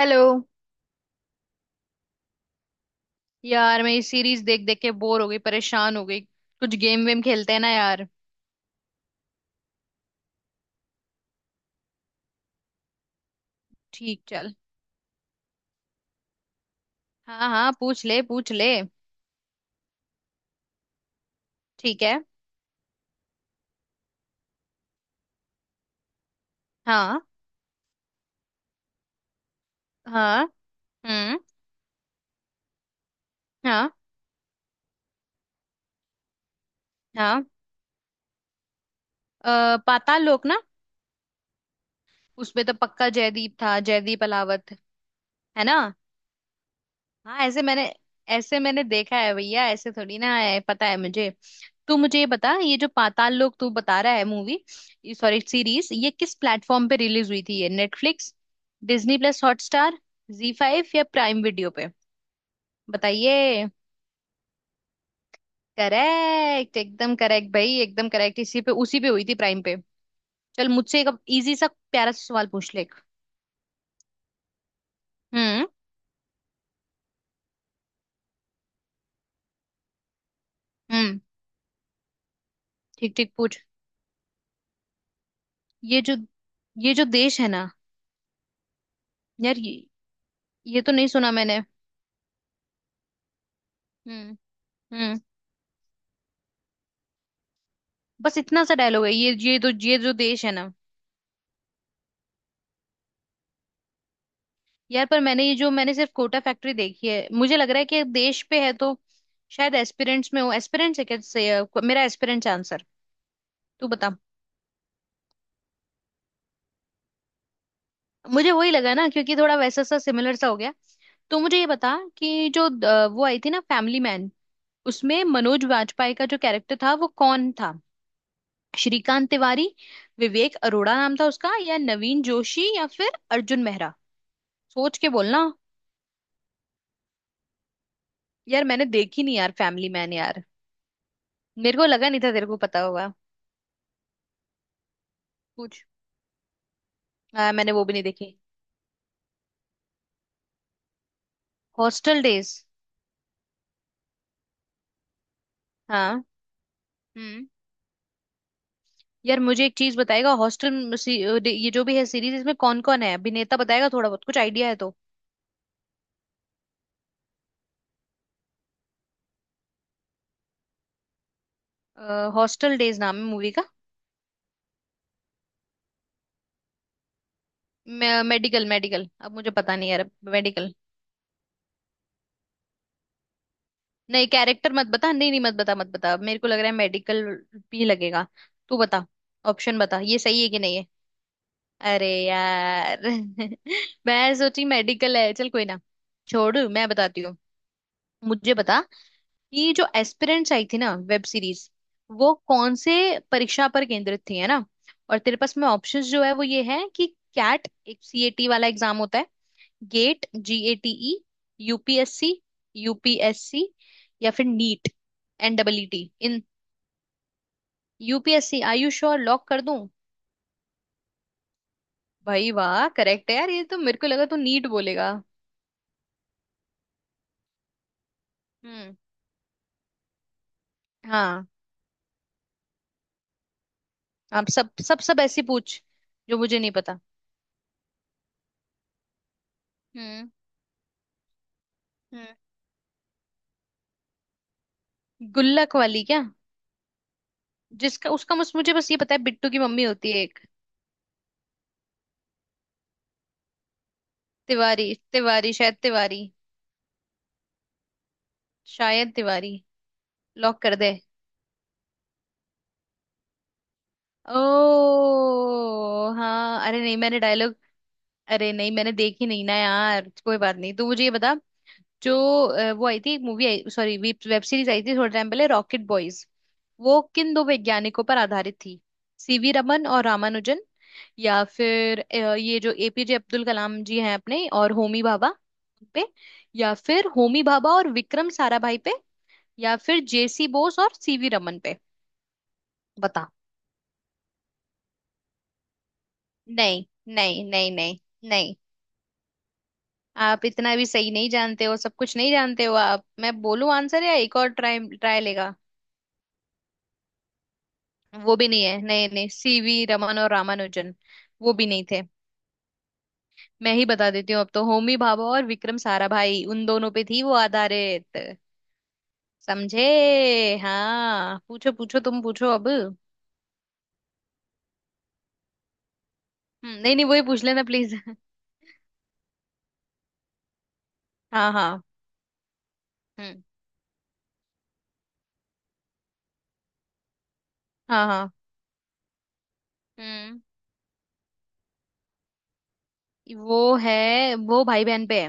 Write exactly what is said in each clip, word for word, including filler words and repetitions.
Hello. यार मैं ये सीरीज देख देख के बोर हो गई, परेशान हो गई। कुछ गेम वेम खेलते हैं ना यार। ठीक चल। हाँ हाँ पूछ ले पूछ ले। ठीक है। हाँ हाँ। हम्म। हाँ हाँ। अ, पाताल लोक ना, उसमें तो पक्का जयदीप था, जयदीप अलावत। है ना। हाँ ऐसे मैंने ऐसे मैंने देखा है भैया, ऐसे थोड़ी ना है पता है मुझे। तू मुझे ये बता, ये जो पाताल लोक तू बता रहा है मूवी, सॉरी सीरीज, ये किस प्लेटफॉर्म पे रिलीज हुई थी? ये Netflix, Disney plus Hotstar, Zee five या प्राइम वीडियो पे? बताइए। करेक्ट, एकदम करेक्ट भाई, एकदम करेक्ट। इसी पे उसी पे हुई थी, प्राइम पे। चल मुझसे एक इजी सा प्यारा सा सवाल पूछ ले एक। हम्म। हम्म। ठीक ठीक पूछ। ये जो ये जो देश है ना। यार ये, ये तो नहीं सुना मैंने। हम्म। हम्म। बस इतना सा डायलॉग है ये ये तो, ये जो देश है ना। यार पर मैंने ये जो मैंने सिर्फ कोटा फैक्ट्री देखी है। मुझे लग रहा है कि देश पे है तो शायद एस्पिरेंट्स में हो। एस्पिरेंट्स है क्या से, अ, मेरा एस्पिरेंट्स आंसर। तू बता। मुझे वही लगा ना, क्योंकि थोड़ा वैसा सा सिमिलर सा हो गया। तो मुझे ये बता कि जो अ, वो आई थी ना फैमिली मैन, उसमें मनोज वाजपेयी का जो कैरेक्टर था वो कौन था? श्रीकांत तिवारी, विवेक अरोड़ा नाम था उसका, या नवीन जोशी, या फिर अर्जुन मेहरा। सोच के बोलना। यार मैंने देखी नहीं यार फैमिली मैन यार। मेरे को लगा नहीं था तेरे को पता होगा। पूछ। हाँ मैंने वो भी नहीं देखी। Hostel days. हाँ। हम्म। यार मुझे एक चीज बताएगा हॉस्टल, ये जो भी है सीरीज, इसमें कौन कौन है अभिनेता बताएगा? थोड़ा बहुत कुछ आइडिया है तो। हॉस्टल डेज नाम है मूवी का। मेडिकल, मेडिकल, अब मुझे पता नहीं यार। मेडिकल। नहीं कैरेक्टर मत बता, नहीं नहीं मत बता मत बता। मेरे को लग रहा है मेडिकल भी लगेगा। तू बता, ऑप्शन बता, ये सही है कि नहीं है? अरे यार मैं सोची मेडिकल है, चल कोई ना, छोड़। मैं बताती हूँ, मुझे बता। ये जो एस्पिरेंट्स आई थी ना वेब सीरीज, वो कौन से परीक्षा पर केंद्रित थी, है ना? और तेरे पास में ऑप्शंस जो है वो ये है कि कैट, एक सीएटी वाला एग्जाम होता है, गेट जीएटीई, यूपीएससी, यूपीएससी, या फिर नीट, एनडब्ल्यूटी इन। यूपीएससी आयुष और लॉक कर दूं? भाई वाह, करेक्ट है यार। ये तो मेरे को लगा तू नीट बोलेगा। हम्म। हाँ आप सब सब सब ऐसी पूछ जो मुझे नहीं पता। हम्म। हम्म। गुल्लक वाली क्या? जिसका उसका मुझ, मुझे बस ये पता है बिट्टू की मम्मी होती है एक। तिवारी तिवारी शायद तिवारी, शायद तिवारी। लॉक कर दे। ओ हाँ, अरे नहीं मैंने डायलॉग, अरे नहीं मैंने देखी नहीं ना यार, कोई बात नहीं। तू मुझे ये बता, जो अ, वो आई थी मूवी आई, सॉरी वेब सीरीज आई थी थोड़े टाइम पहले, रॉकेट बॉयज, वो किन दो वैज्ञानिकों पर आधारित थी? सीवी रमन और रामानुजन, या फिर अ, ये जो एपीजे अब्दुल कलाम जी हैं अपने और होमी भाभा उन पे, या फिर होमी भाभा और विक्रम साराभाई पे, या फिर जेसी बोस और सीवी रमन पे? बता। नहीं। नहीं नहीं नहीं। नहीं। आप इतना भी सही नहीं जानते हो, सब कुछ नहीं जानते हो आप। मैं बोलूं आंसर या एक और ट्राई ट्राई लेगा? वो भी नहीं है, नहीं नहीं, सीवी रमन और रामानुजन वो भी नहीं थे। मैं ही बता देती हूँ अब तो। होमी भाभा और विक्रम साराभाई, उन दोनों पे थी वो आधारित। समझे। हाँ पूछो पूछो तुम पूछो अब। हम्म, नहीं नहीं वही पूछ लेना प्लीज हाँ हाँ। हम्म। हाँ हाँ। हम्म। वो है, वो भाई बहन पे है।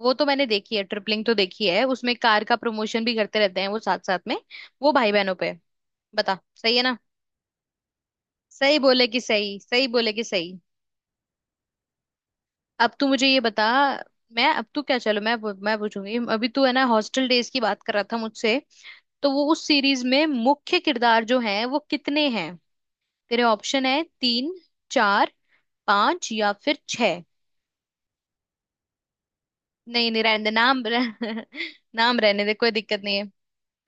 वो तो मैंने देखी है, ट्रिपलिंग तो देखी है, उसमें कार का प्रमोशन भी करते रहते हैं वो साथ साथ में। वो भाई बहनों पे है। बता सही है ना। सही बोले कि सही, सही बोले कि सही। अब तू मुझे ये बता। मैं अब तू क्या, चलो मैं पू- मैं पूछूंगी अभी, तू है ना हॉस्टल डेज की बात कर रहा था मुझसे। तो वो उस सीरीज में मुख्य किरदार जो है वो कितने हैं? तेरे ऑप्शन है तीन, चार, पांच या फिर छह। नहीं नहीं रहने दे नाम रह- नाम रहने दे, कोई दिक्कत नहीं है।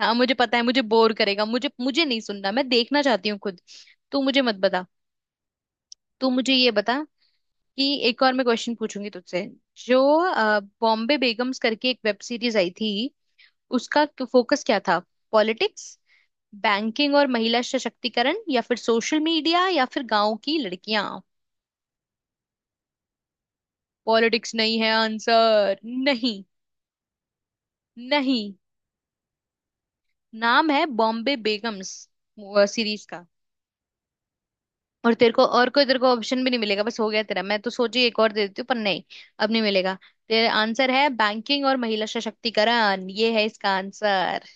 हाँ मुझे पता है मुझे बोर करेगा, मुझे मुझे नहीं सुनना, मैं देखना चाहती हूँ खुद। तू मुझे मत बता। तू मुझे ये बता कि एक और मैं क्वेश्चन पूछूंगी तुझसे। जो अ, बॉम्बे बेगम्स करके एक वेब सीरीज आई थी, उसका फोकस क्या था? पॉलिटिक्स, बैंकिंग और महिला सशक्तिकरण, या फिर सोशल मीडिया, या फिर गांव की लड़कियां? पॉलिटिक्स नहीं है आंसर। नहीं। नहीं। नाम है बॉम्बे बेगम्स सीरीज का। और तेरे को और कोई तेरे को ऑप्शन भी नहीं मिलेगा, बस हो गया तेरा। मैं तो सोची एक और दे देती हूँ पर नहीं, अब नहीं मिलेगा। तेरा आंसर है बैंकिंग और महिला सशक्तिकरण, ये है इसका आंसर।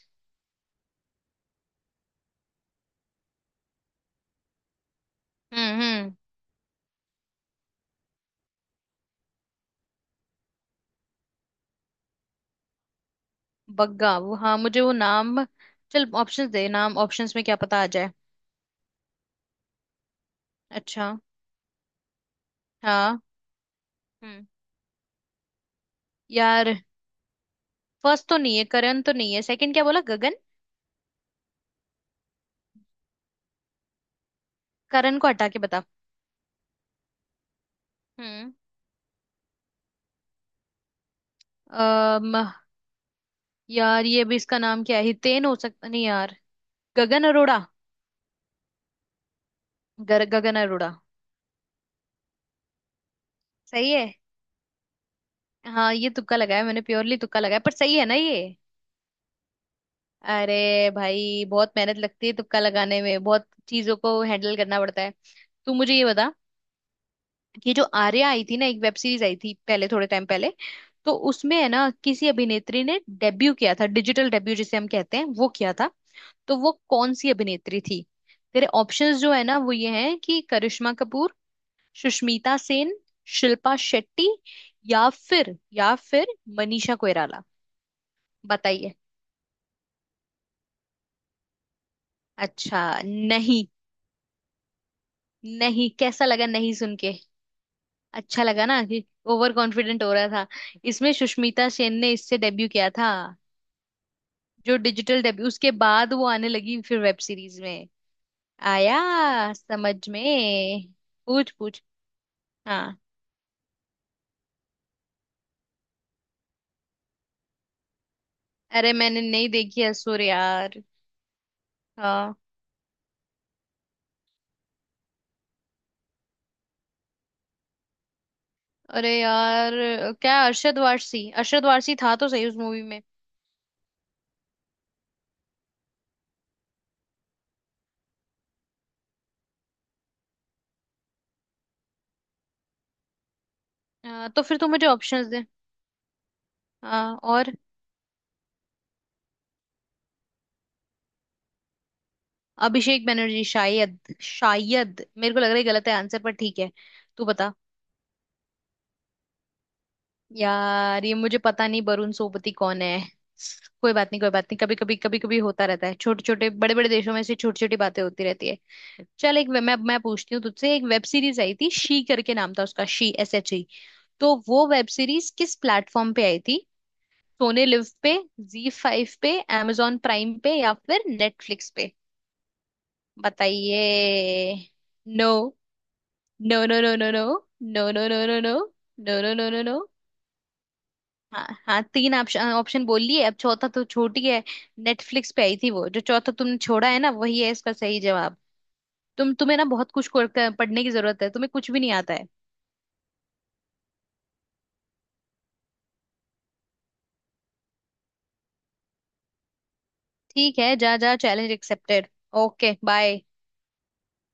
हम्म हम्म। बग्गा, वो हाँ मुझे वो नाम। चल ऑप्शंस दे नाम, ऑप्शंस में क्या पता आ जाए। अच्छा। हाँ। हम्म। यार फर्स्ट तो नहीं है, करण तो नहीं है, सेकंड क्या बोला गगन? करण को हटा के बता। हम्म। अम। यार ये भी, इसका नाम क्या है हितेन, हो सकता नहीं यार। गगन अरोड़ा। गर, गगन अरोड़ा। सही है। हाँ ये तुक्का लगाया मैंने, प्योरली तुक्का लगाया, पर सही है ना ये। अरे भाई बहुत मेहनत लगती है तुक्का लगाने में, बहुत चीजों को हैंडल करना पड़ता है। तू मुझे ये बता, ये जो आर्या आई थी ना, एक वेब सीरीज आई थी पहले थोड़े टाइम पहले, तो उसमें है ना किसी अभिनेत्री ने डेब्यू किया था, डिजिटल डेब्यू जिसे हम कहते हैं वो किया था, तो वो कौन सी अभिनेत्री थी? तेरे ऑप्शंस जो है ना वो ये हैं कि करिश्मा कपूर, सुष्मिता सेन, शिल्पा शेट्टी, या फिर या फिर मनीषा कोइराला। बताइए। अच्छा। नहीं, नहीं कैसा लगा नहीं सुन के? अच्छा लगा ना कि ओवर कॉन्फिडेंट हो रहा था। इसमें सुष्मिता सेन ने इससे डेब्यू किया था, जो डिजिटल डेब्यू। उसके बाद वो आने लगी फिर वेब सीरीज में। आया समझ में। पूछ पूछ। हाँ। अरे मैंने नहीं देखी है सुर यार। हाँ। अरे यार क्या, अरशद वारसी, अरशद वारसी था तो सही उस मूवी में। हाँ, तो फिर तू मुझे ऑप्शंस दे। हाँ और? अभिषेक बनर्जी, शायद शायद मेरे को लग रहा है गलत है आंसर, पर ठीक है। तू बता। यार ये मुझे पता नहीं वरुण सोपति कौन है। कोई बात नहीं कोई बात नहीं, कभी कभी कभी कभी होता रहता है, छोटे छोटे बड़े बड़े देशों में ऐसी छोटी छोटी बातें होती रहती है। चल एक वे- मैं मैं पूछती हूँ तुझसे, एक वेब सीरीज आई थी शी करके नाम था उसका, शी एस एच ई। तो वो वेब सीरीज किस प्लेटफॉर्म पे आई थी? सोने लिव पे, जी फाइव पे, amazon प्राइम पे, या फिर नेटफ्लिक्स पे? बताइए। No, no, no, no, no. No, no, no, no, no. No, no, no, no, no. No. हाँ हाँ तीन ऑप्शन, ऑप्शन बोल लिए अब चौथा तो छूट ही है। नेटफ्लिक्स पे आई थी वो, जो चौथा तुमने छोड़ा है ना वही है इसका सही जवाब। तुम, तुम्हें ना बहुत कुछ कर- कर- पढ़ने की जरूरत है, तुम्हें कुछ भी नहीं आता है। ठीक है जा जा, चैलेंज एक्सेप्टेड। Okay bye.